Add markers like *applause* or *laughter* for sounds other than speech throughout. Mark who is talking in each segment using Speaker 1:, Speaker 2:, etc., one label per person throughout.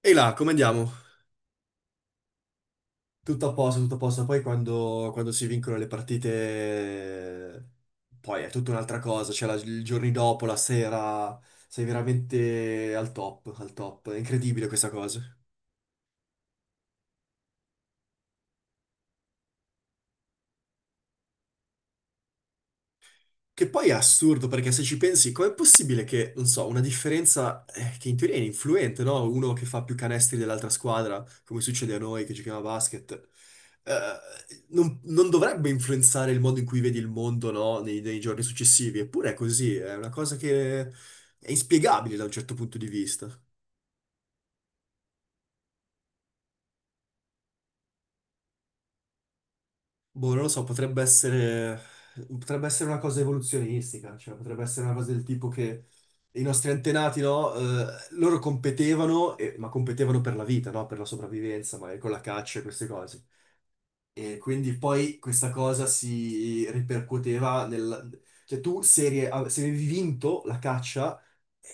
Speaker 1: E là, come andiamo? Tutto a posto, tutto a posto. Poi quando si vincono le partite, poi è tutta un'altra cosa. Cioè, i giorni dopo, la sera, sei veramente al top, al top. È incredibile questa cosa. Che poi è assurdo perché se ci pensi, com'è possibile che, non so, una differenza che in teoria è influente, no? Uno che fa più canestri dell'altra squadra, come succede a noi che giochiamo a basket, eh, non dovrebbe influenzare il modo in cui vedi il mondo, no? Nei giorni successivi. Eppure è così, è una cosa che è inspiegabile da un certo punto di vista. Boh, non lo so, potrebbe essere una cosa evoluzionistica, cioè potrebbe essere una cosa del tipo che i nostri antenati, no, loro competevano, ma competevano per la vita, no, per la sopravvivenza, magari con la caccia e queste cose. E quindi poi questa cosa si ripercuoteva nel... Cioè tu se, eri- av- se avevi vinto la caccia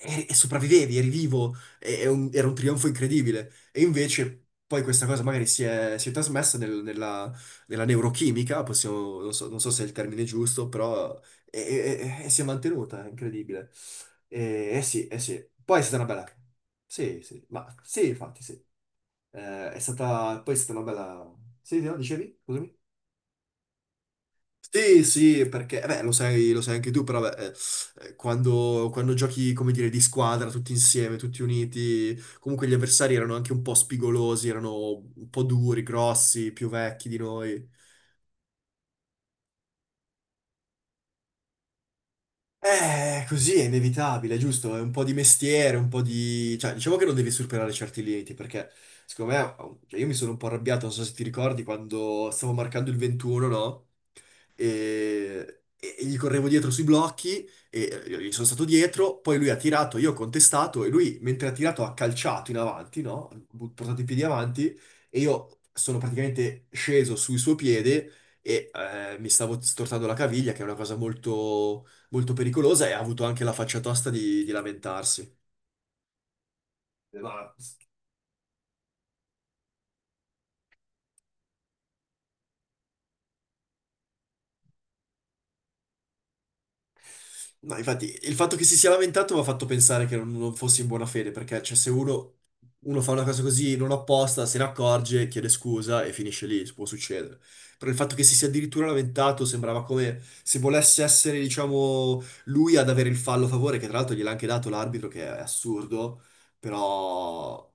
Speaker 1: e sopravvivevi, eri vivo, era un trionfo incredibile. E invece poi questa cosa magari si è trasmessa nella, nella neurochimica, non so, non so se è il termine giusto, però e si è mantenuta, è incredibile. E, eh sì, eh sì. Poi è stata una bella... Sì, sì, ma sì, infatti sì. È stata... Poi è stata una bella... Sì, no, dicevi? Scusami. Sì, sì, perché eh beh, lo sai anche tu, però beh, quando giochi, come dire, di squadra, tutti insieme, tutti uniti, comunque gli avversari erano anche un po' spigolosi, erano un po' duri, grossi, più vecchi di noi. Così è inevitabile, giusto? È un po' di mestiere, un po' di... Cioè, diciamo che non devi superare certi limiti, perché secondo me... oh, cioè, io mi sono un po' arrabbiato, non so se ti ricordi, quando stavo marcando il 21, no? E gli correvo dietro sui blocchi, e io gli sono stato dietro, poi lui ha tirato, io ho contestato, e lui, mentre ha tirato, ha calciato in avanti, no? Portato i piedi avanti, e io sono praticamente sceso sul suo piede e mi stavo stortando la caviglia, che è una cosa molto molto pericolosa e ha avuto anche la faccia tosta di lamentarsi. Ma s- Ma infatti il fatto che si sia lamentato mi ha fatto pensare che non fosse in buona fede, perché cioè, se uno, uno fa una cosa così non apposta, se ne accorge, chiede scusa e finisce lì, può succedere. Però il fatto che si sia addirittura lamentato sembrava come se volesse essere, diciamo, lui ad avere il fallo a favore, che tra l'altro gliel'ha anche dato l'arbitro, che è assurdo, però...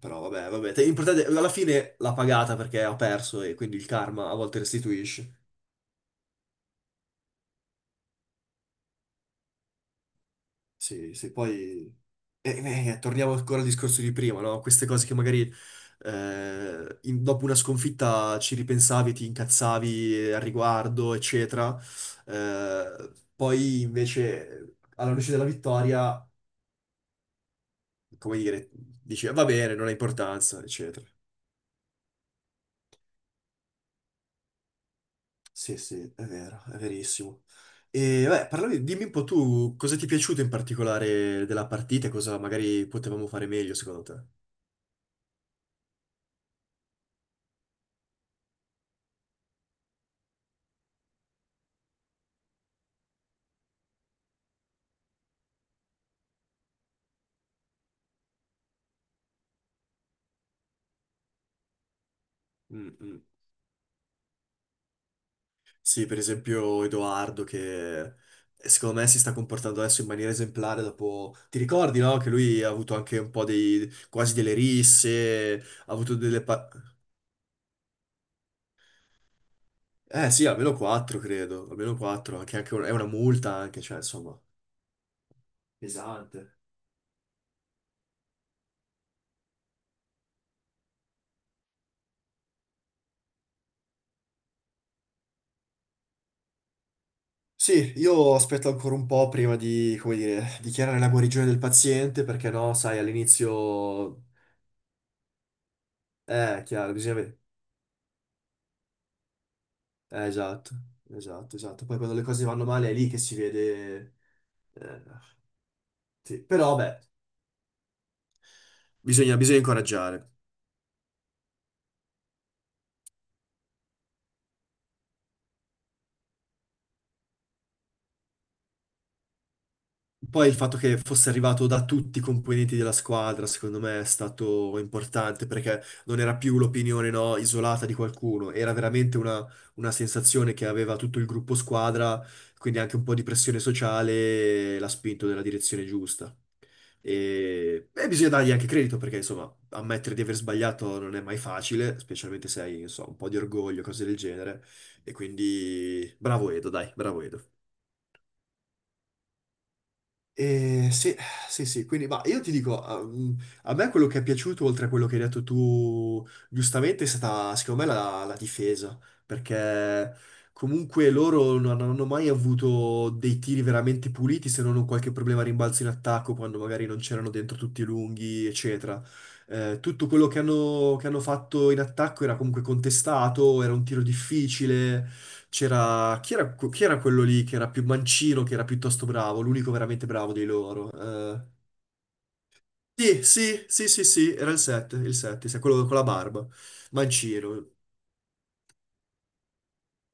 Speaker 1: Però vabbè, l'importante alla fine l'ha pagata perché ha perso e quindi il karma a volte restituisce. Sì, sì, poi torniamo ancora al discorso di prima, no? Queste cose che magari dopo una sconfitta ci ripensavi, ti incazzavi al riguardo, eccetera. Poi invece alla luce della vittoria, come dire, dici, "Ah, va bene, non ha importanza, eccetera. Sì, sì, è vero, è verissimo. E beh, parlami, dimmi un po' tu cosa ti è piaciuto in particolare della partita e cosa magari potevamo fare meglio secondo te. Mm, mm. Sì, per esempio Edoardo che secondo me si sta comportando adesso in maniera esemplare dopo... Ti ricordi, no? Che lui ha avuto anche un po' dei... quasi delle risse, ha avuto delle... Eh sì, almeno quattro, credo, almeno quattro, anche è una multa anche, cioè insomma... Pesante. Sì, io aspetto ancora un po' prima di, come dire, dichiarare la guarigione del paziente, perché no, sai, all'inizio... chiaro, bisogna vedere. Esatto, esatto, esatto. Poi quando le cose vanno male è lì che si vede Eh, sì, però beh, bisogna, bisogna incoraggiare. Poi il fatto che fosse arrivato da tutti i componenti della squadra, secondo me, è stato importante perché non era più l'opinione, no, isolata di qualcuno, era veramente una sensazione che aveva tutto il gruppo squadra, quindi anche un po' di pressione sociale l'ha spinto nella direzione giusta. E bisogna dargli anche credito perché, insomma, ammettere di aver sbagliato non è mai facile, specialmente se hai, non so, un po' di orgoglio, cose del genere. E quindi, bravo Edo, dai, bravo Edo. Sì, sì, sì, quindi ma io ti dico, a me quello che è piaciuto, oltre a quello che hai detto tu, giustamente, è stata secondo me la difesa, perché comunque loro non hanno mai avuto dei tiri veramente puliti, se non un qualche problema a rimbalzo in attacco, quando magari non c'erano dentro tutti i lunghi, eccetera. Tutto quello che hanno fatto in attacco era comunque contestato, era un tiro difficile, c'era chi era quello lì che era più mancino, che era piuttosto bravo, l'unico veramente bravo dei loro. Sì, sì, sì, sì, sì, era il 7, il 7, quello con la barba. Mancino.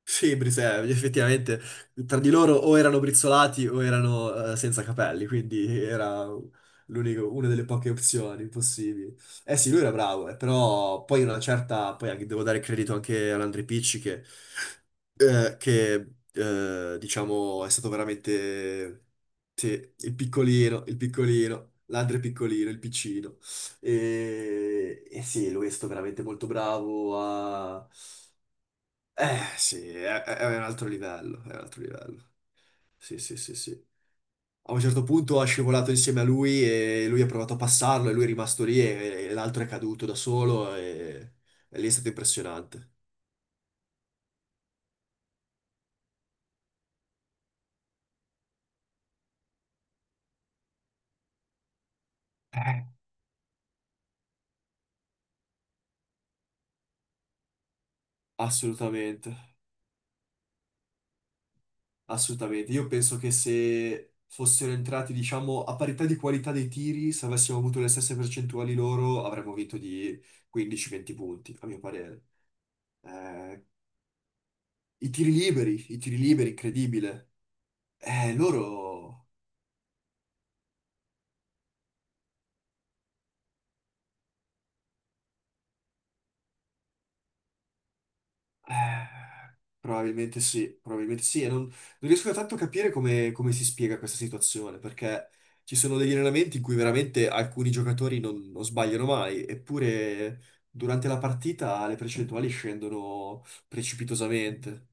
Speaker 1: Sì, Brise, effettivamente tra di loro o erano brizzolati o erano senza capelli, quindi era una delle poche opzioni possibili. Eh sì, lui era bravo, però poi una certa, poi anche, devo dare credito anche all'Andre Picci che, eh, che, diciamo è stato veramente sì, il piccolino, l'Andre piccolino, il piccino. E sì, lui è stato veramente molto bravo a eh sì, è un altro livello, è un altro livello. Sì, sì, sì, sì. A un certo punto ha scivolato insieme a lui e lui ha provato a passarlo e lui è rimasto lì e l'altro è caduto da solo e lì è stato impressionante. Eh. Assolutamente, assolutamente. Io penso che se fossero entrati, diciamo, a parità di qualità dei tiri, se avessimo avuto le stesse percentuali loro, avremmo vinto di 15-20 punti, a mio parere. Eh, i tiri liberi, incredibile. Loro... eh, probabilmente sì, probabilmente sì. E non riesco tanto a capire come si spiega questa situazione, perché ci sono degli allenamenti in cui veramente alcuni giocatori non sbagliano mai, eppure durante la partita le percentuali scendono precipitosamente.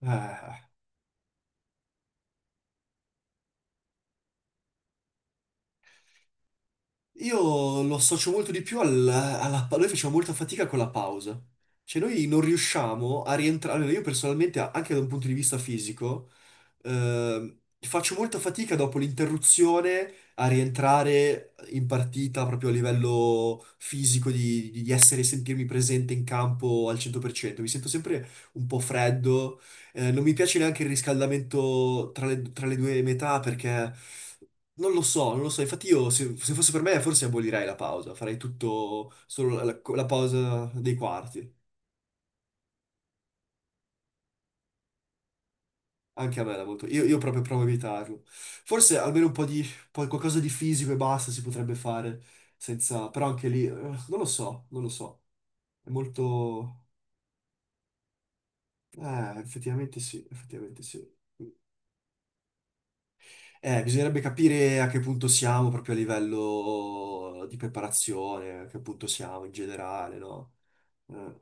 Speaker 1: Eh, io lo associo molto di più alla... Noi facciamo molta fatica con la pausa. Cioè noi non riusciamo a rientrare, almeno io personalmente, anche da un punto di vista fisico faccio molta fatica dopo l'interruzione a rientrare in partita proprio a livello fisico, di essere, sentirmi presente in campo al 100%. Mi sento sempre un po' freddo, non mi piace neanche il riscaldamento tra le due metà perché... Non lo so, non lo so. Infatti io, se fosse per me, forse abolirei la pausa. Farei tutto, solo la pausa dei quarti. Anche a me da molto. Io proprio provo a evitarlo. Forse almeno un po' di poi qualcosa di fisico e basta si potrebbe fare senza. Però anche lì non lo so, non lo so. È molto. Effettivamente sì, effettivamente sì. Bisognerebbe capire a che punto siamo proprio a livello di preparazione, a che punto siamo in generale, no? Eh,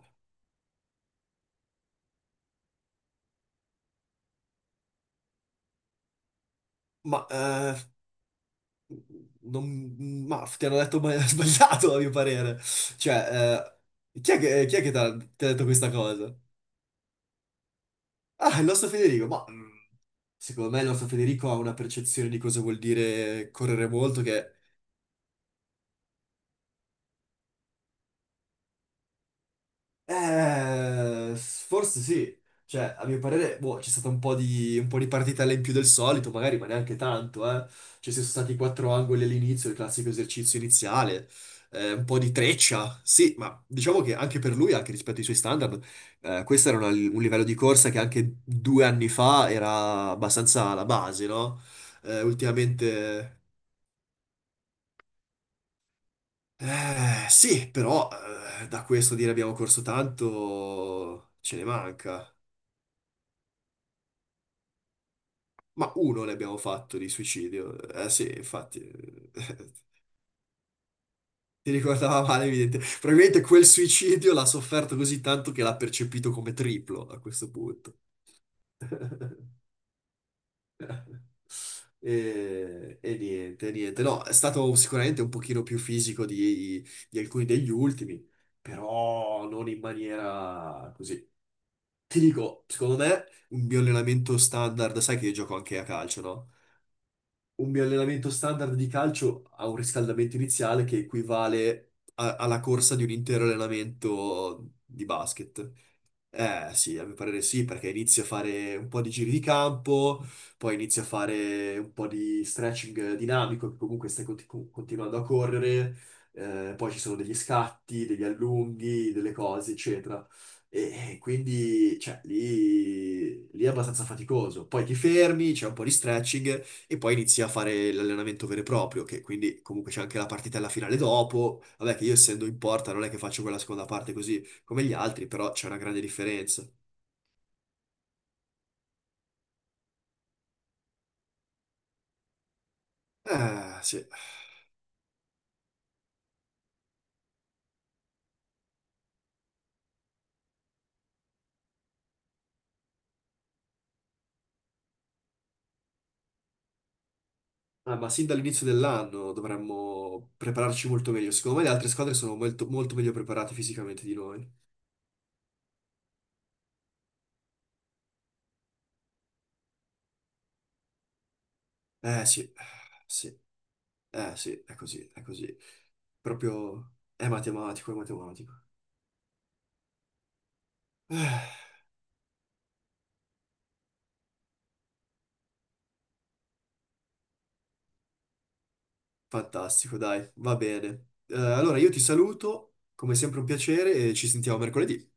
Speaker 1: ma, eh, ma ti hanno detto *laughs* sbagliato, a mio parere. Cioè, chi è che ti ha detto questa cosa? Ah, il nostro Federico, ma secondo me il nostro Federico ha una percezione di cosa vuol dire correre molto che... forse sì. Cioè, a mio parere, boh, c'è stata un po' di partitella in più del solito, magari, ma neanche tanto, eh. Cioè, ci sono stati quattro angoli all'inizio, il classico esercizio iniziale, un po' di treccia, sì, ma diciamo che anche per lui, anche rispetto ai suoi standard, questo era un livello di corsa che anche due anni fa era abbastanza la base, no? Ultimamente. Sì, però da questo dire abbiamo corso tanto ce ne manca. Ma uno ne abbiamo fatto di suicidio. Eh sì, infatti, *laughs* ti ricordava male, evidente. Probabilmente quel suicidio l'ha sofferto così tanto che l'ha percepito come triplo a questo punto. E niente, niente. No, è stato sicuramente un pochino più fisico di alcuni degli ultimi, però non in maniera così. Ti dico, secondo me, un mio allenamento standard, sai che io gioco anche a calcio, no? Un mio allenamento standard di calcio ha un riscaldamento iniziale che equivale alla corsa di un intero allenamento di basket. Eh sì, a mio parere sì, perché inizi a fare un po' di giri di campo, poi inizi a fare un po' di stretching dinamico, che comunque continuando a correre, poi ci sono degli scatti, degli allunghi, delle cose, eccetera. E quindi, cioè, lì, lì è abbastanza faticoso. Poi ti fermi, c'è un po' di stretching e poi inizi a fare l'allenamento vero e proprio, che quindi comunque c'è anche la partitella finale dopo. Vabbè, che io essendo in porta non è che faccio quella seconda parte così come gli altri, però c'è una grande differenza. Sì. Ah, ma sin dall'inizio dell'anno dovremmo prepararci molto meglio. Secondo me le altre squadre sono molto, molto meglio preparate fisicamente di noi. Eh sì, sì, eh sì, è così, è così. Proprio è matematico, è matematico. Eh, fantastico, dai, va bene. Allora io ti saluto, come sempre un piacere e ci sentiamo mercoledì.